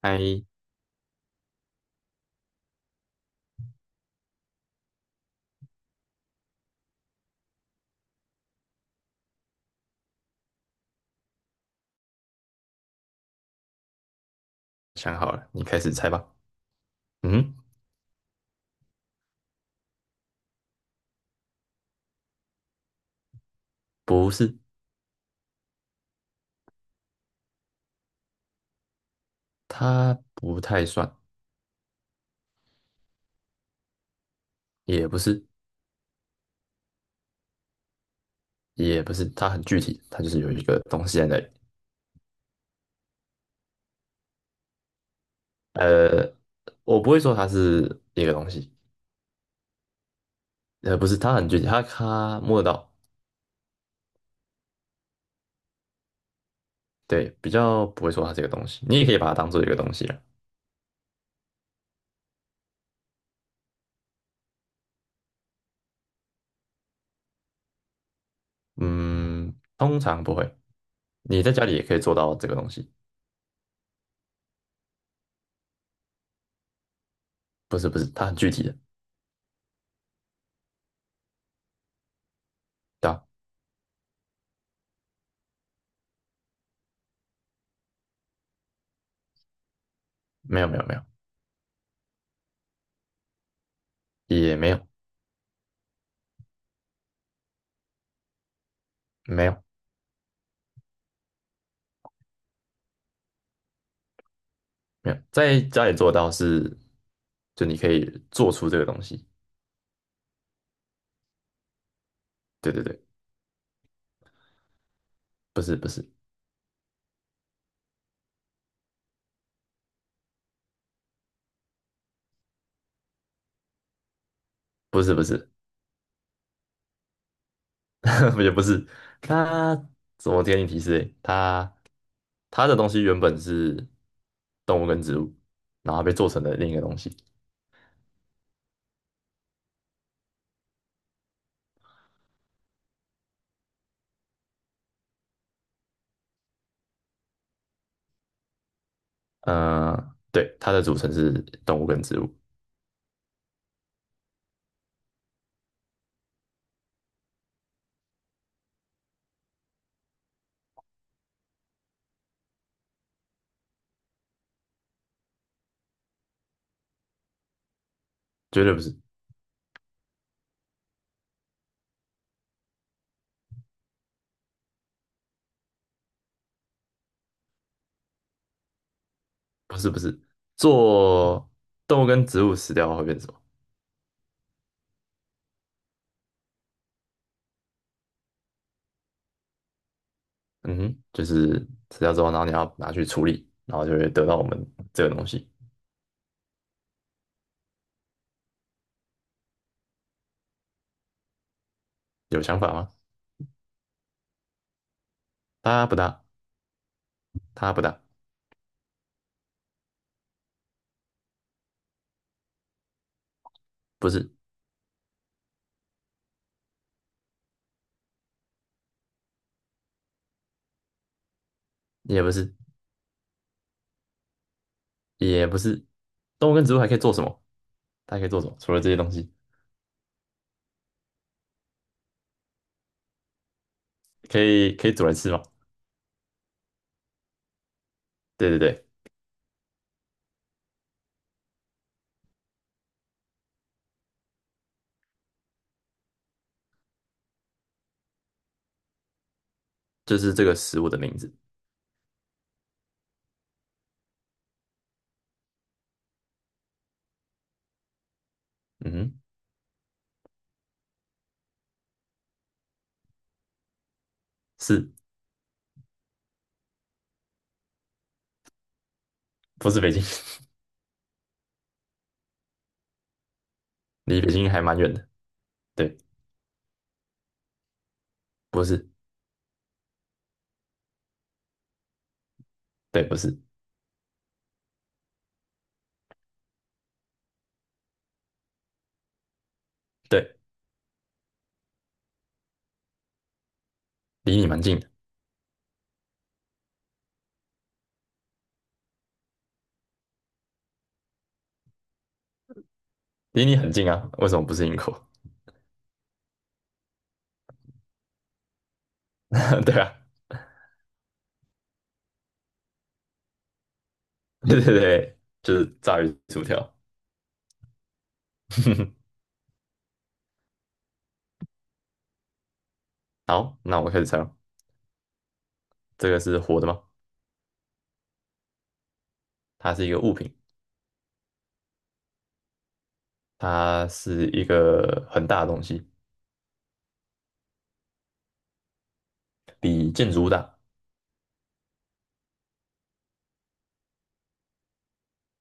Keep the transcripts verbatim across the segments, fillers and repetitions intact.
哎，想好了，你开始猜吧。嗯，不是，它不太算，也不是，也不是，它很具体，它就是有一个东西在那里。呃，我不会说它是一个东西，呃，不是，它很具体，它它摸得到，对，比较不会说它这个东西。你也可以把它当做一个东西了。嗯，通常不会。你在家里也可以做到这个东西，不是不是，它很具体的，对吧？没有没有没有，也没有没有，没有，在家里做到是，就你可以做出这个东西。对对对，不是不是不是不是，也不是。它怎么给你提示欸？它它的东西原本是动物跟植物，然后被做成了另一个东西。呃，对，它的组成是动物跟植物，绝对不是不是不是。做动物跟植物死掉会变什么？嗯哼，就是死掉之后，然后你要拿去处理，然后就会得到我们这个东西。有想法吗？它不大，它不大，不是，也不是，也不是。动物跟植物还可以做什么？它还可以做什么？除了这些东西，可以可以煮来吃吗？对对对，就是这个食物的名字。嗯哼，是不是北京？离北京还蛮远的。对，不是，对，不是，对，离你蛮近的，离你很近啊。为什么不是英国？对啊，对对对，就是炸鱼薯条。好，那我开始猜了。这个是活的吗？它是一个物品，它是一个很大的东西。比建筑物大，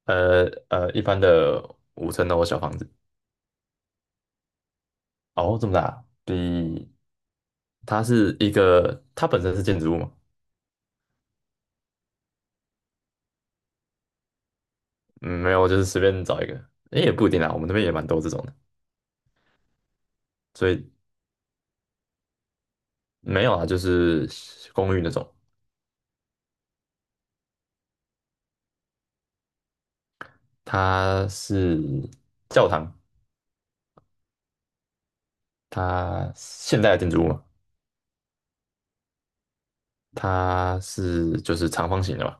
呃呃，一般的五层楼小房子，哦，这么大啊，比它是一个，它本身是建筑物嘛，嗯，没有，就是随便找一个，诶也不一定啦，我们那边也蛮多这种的，所以没有啊，就是公寓那种，它是教堂，它现代的建筑物嘛，它是就是长方形的嘛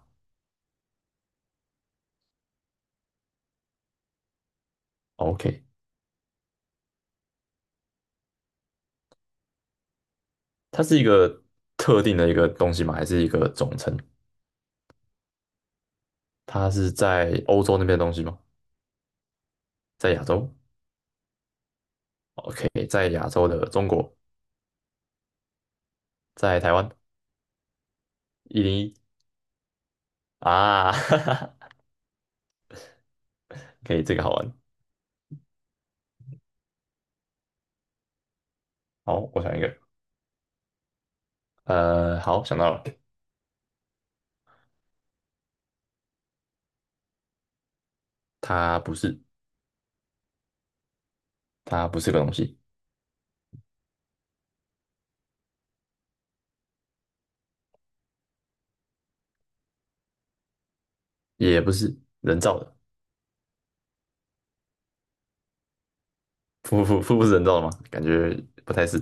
，OK,它是一个特定的一个东西吗？还是一个总称？它是在欧洲那边的东西吗？在亚洲？OK,在亚洲的中国，在台湾一零一啊，哈哈，可以，这个好玩。好，我想一个，呃，好，想到了，它不是，它不是个东西，也不是人造的，瀑布瀑布是人造的吗？感觉不太是，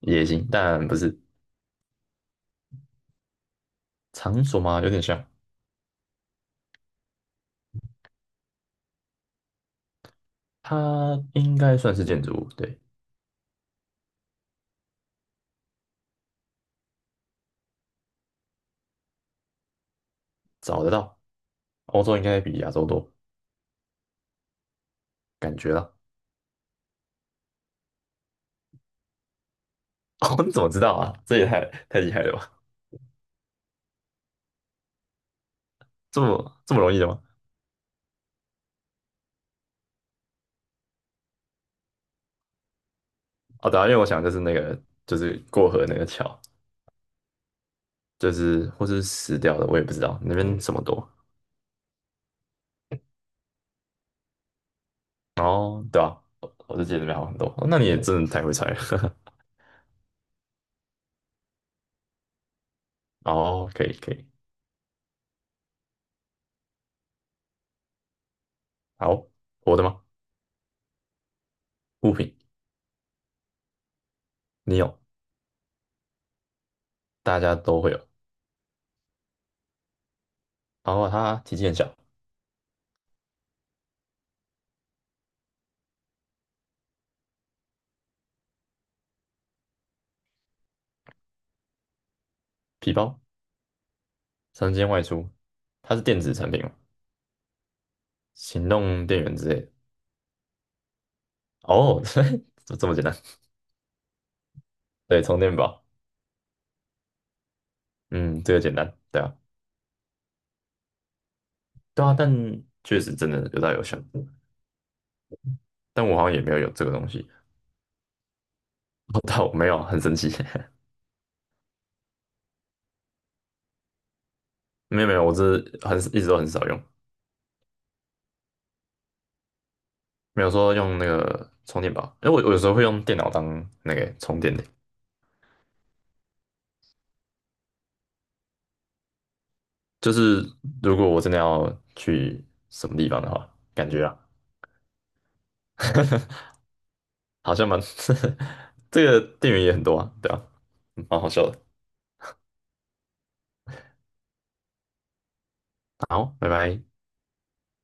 也行，但不是场所吗？有点像，它应该算是建筑物，对，找得到，欧洲应该比亚洲多。哦，你怎么知道啊？这也太太厉害了吧？这么这么容易的吗？哦，对啊，因为我想就是那个就是过河那个桥。就是或是死掉的，我也不知道那边什么多。哦，后对啊，我我就记得那边好很多。哦那你也真的太会猜了。哦，可以可以，好，我的吗？物品，你有，大家都会有。然后它体积很小，皮包，常见外出，它是电子产品吗？行动电源之类的。哦，这这么简单？对，充电宝。嗯，这个简单。对啊，对啊，但确实真的有大有小，但我好像也没有有这个东西。哦，但我没有啊，很神奇。没有没有，我只是很一直都很少用，没有说用那个充电宝，因为我我有时候会用电脑当那个充电的，就是如果我真的要去什么地方的话，感觉啊好像蛮 这个电源也很多啊，对啊，嗯蛮好笑的。好，拜拜。